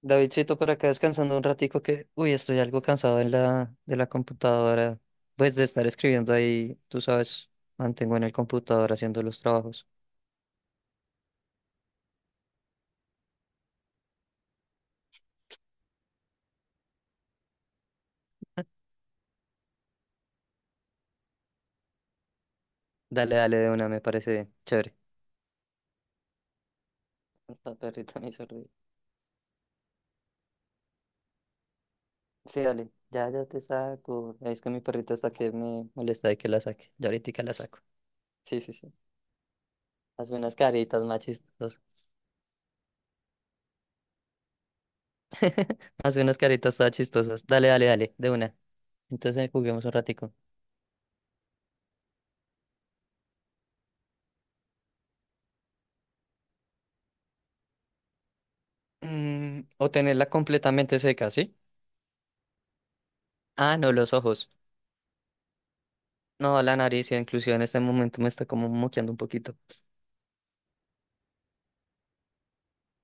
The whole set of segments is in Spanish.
Davidcito, por acá descansando un ratico que, uy, estoy algo cansado de la computadora, pues de estar escribiendo ahí, tú sabes, mantengo en el computador haciendo los trabajos. Dale, dale de una, me parece chévere. Esta perrita me hizo reír. Sí, dale, ya, ya te saco. Es que mi perrita hasta que me molesta de que la saque. Ya ahorita la saco. Sí, sí, sí. Hazme unas caritas más chistosas. Hazme unas caritas todas chistosas. Dale, dale, dale, de una. Entonces juguemos un ratico. O tenerla completamente seca, ¿sí? Ah, no, los ojos. No, la nariz, ya inclusive en este momento me está como moqueando un poquito.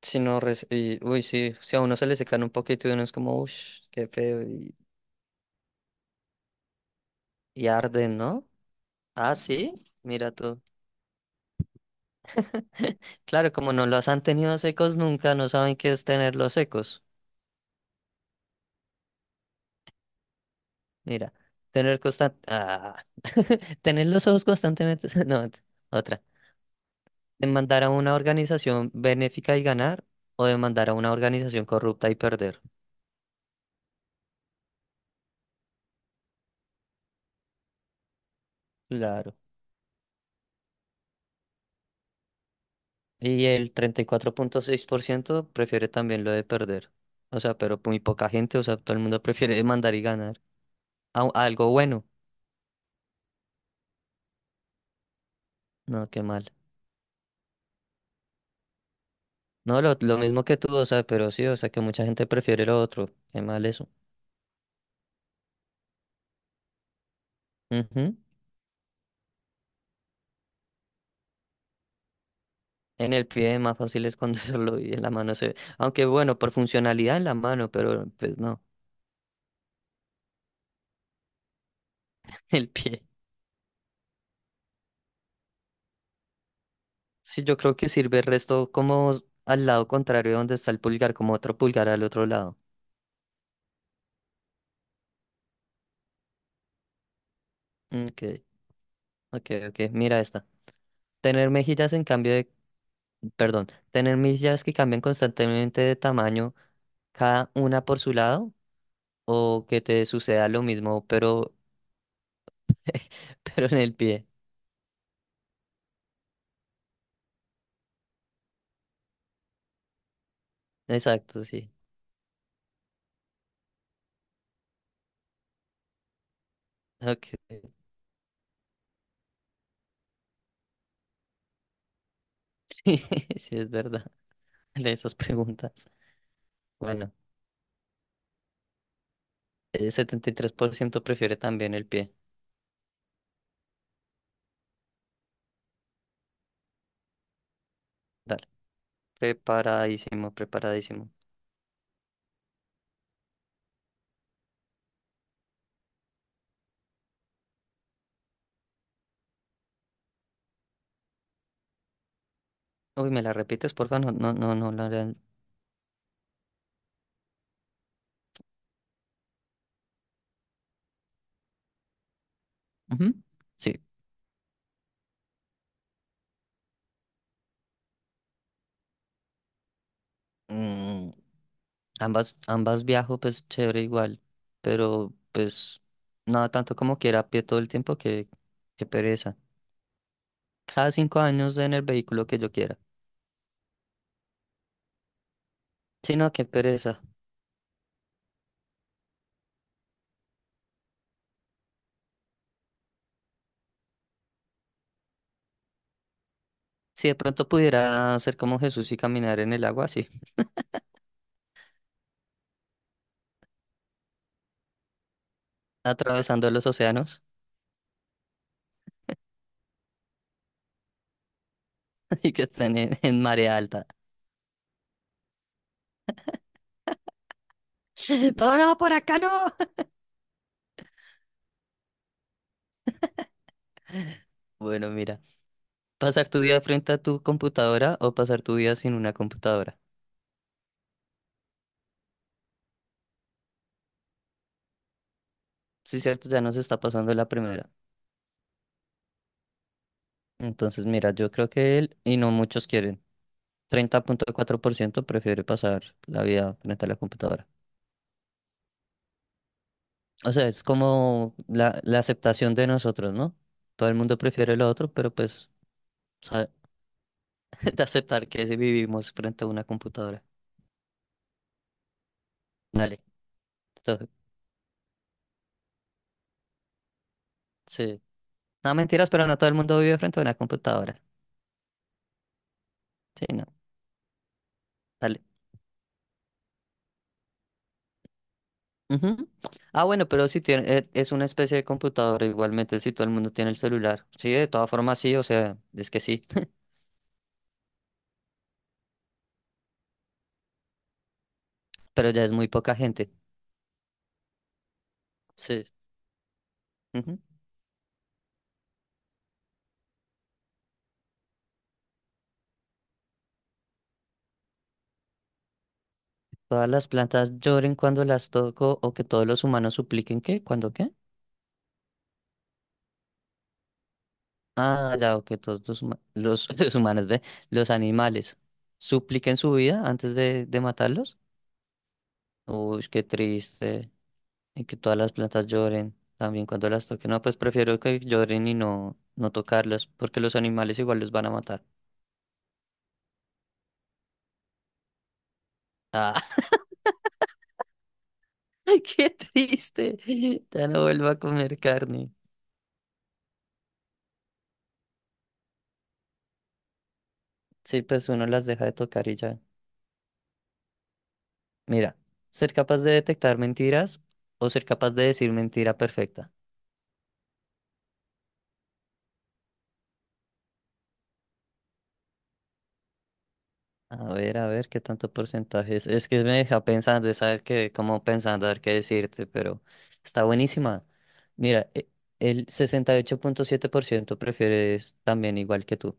Si no, y, uy, sí, si a uno se le secan un poquito y uno es como, uff, qué feo, y arden, ¿no? Ah, sí, mira tú. Claro, como no los han tenido secos nunca, no saben qué es tenerlos secos. Mira, tener constan- ah, tener los ojos constantemente, no, otra. Demandar a una organización benéfica y ganar, o demandar a una organización corrupta y perder. Claro. Y el 34.6% prefiere también lo de perder. O sea, pero muy poca gente, o sea, todo el mundo prefiere mandar y ganar. Algo bueno. No, qué mal. No, lo mismo que tú, o sea, pero sí, o sea, que mucha gente prefiere lo otro. Qué mal eso. Ujú. En el pie más fácil es esconderlo y en la mano se ve. Aunque bueno, por funcionalidad en la mano, pero pues no, el pie. Sí, yo creo que sirve el resto como al lado contrario donde está el pulgar, como otro pulgar al otro lado. Ok, ok, ok. Mira esta. Tener mejillas en cambio de, perdón, tener mejillas que cambian constantemente de tamaño, cada una por su lado, o que te suceda lo mismo, pero, pero en el pie. Exacto, sí. Ok. Sí, es verdad. De esas preguntas. Bueno, el 73% prefiere también el pie. Dale. Preparadísimo, preparadísimo. Uy, ¿me la repites, porfa? No, no, no, no la. Ujú. Sí. Mm. Ambas, ambas viajo, pues chévere igual, pero pues nada tanto como quiera a pie todo el tiempo que pereza. Cada 5 años en el vehículo que yo quiera. Si no, qué pereza. Si de pronto pudiera hacer como Jesús y caminar en el agua así, atravesando los océanos y que estén en marea alta. Todo no, por acá no. Bueno, mira, pasar tu vida frente a tu computadora o pasar tu vida sin una computadora. Sí, cierto, ya nos está pasando la primera. Entonces, mira, yo creo que él y no muchos quieren. 30.4% prefiere pasar la vida frente a la computadora. O sea, es como la aceptación de nosotros, ¿no? Todo el mundo prefiere lo otro, pero pues sa- de aceptar que sí vivimos frente a una computadora. Dale. Entonces, sí. No, mentiras, pero no todo el mundo vive frente a una computadora. Sí, no. Dale. Ujú. Ah, bueno, pero si tiene, es una especie de computadora igualmente, si todo el mundo tiene el celular. Sí, de todas formas sí, o sea, es que sí, pero ya es muy poca gente. Sí. Ujú. Todas las plantas lloren cuando las toco o que todos los humanos supliquen ¿qué? ¿Cuándo qué? Ah, ya, o que todos los, los humanos, ve, los animales supliquen su vida antes de matarlos. Uy, qué triste. Y que todas las plantas lloren también cuando las toquen. No, pues prefiero que lloren y no, no tocarlas porque los animales igual los van a matar. Ah, ay, qué triste. Ya no vuelvo a comer carne. Sí, pues uno las deja de tocar y ya. Mira, ser capaz de detectar mentiras o ser capaz de decir mentira perfecta. A ver, qué tanto porcentaje es. Es que me deja pensando, sabes que como pensando a ver qué decirte, pero está buenísima. Mira, el 68.7% prefiere es también igual que tú.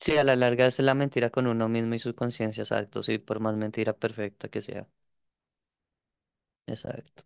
Sí, a la larga es la mentira con uno mismo y su conciencia, exacto. Sí, por más mentira perfecta que sea. Exacto.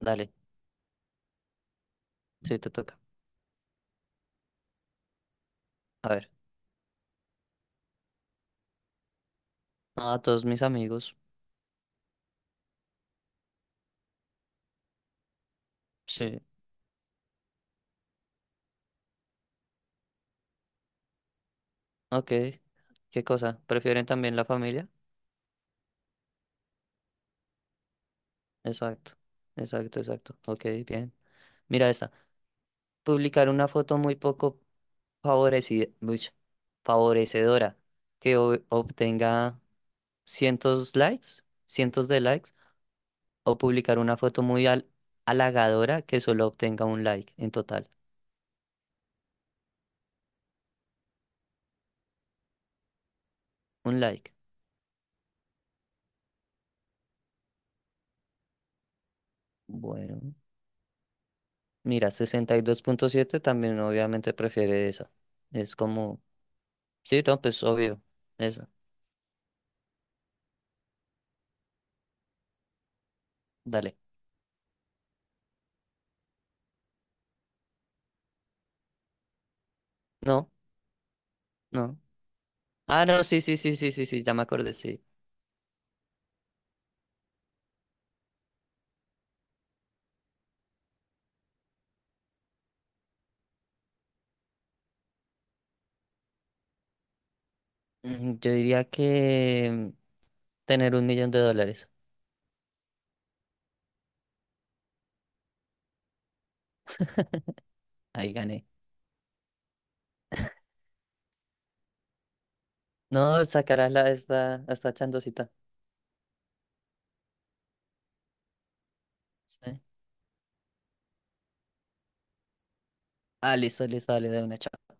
Dale, sí, te toca. A ver. A todos mis amigos. Sí. Ok. ¿Qué cosa? ¿Prefieren también la familia? Exacto, exacto, exacto. Ok, bien. Mira esta. Publicar una foto muy poco favorecida, favorecedora que obtenga cientos likes, cientos de likes, o publicar una foto muy halagadora que solo obtenga un like en total. Un like. Bueno, mira, 62.7% también obviamente prefiere esa. Es como, sí, no, pues obvio. Esa. Dale. No, no. Ah, no, sí, sí, sí, sí, sí, sí, ya me acordé, sí. Yo diría que tener un millón de dólares. Ahí gané. No, sacarás la esta chandosita. Sí. Ah, listo, listo, dale de una. Chao.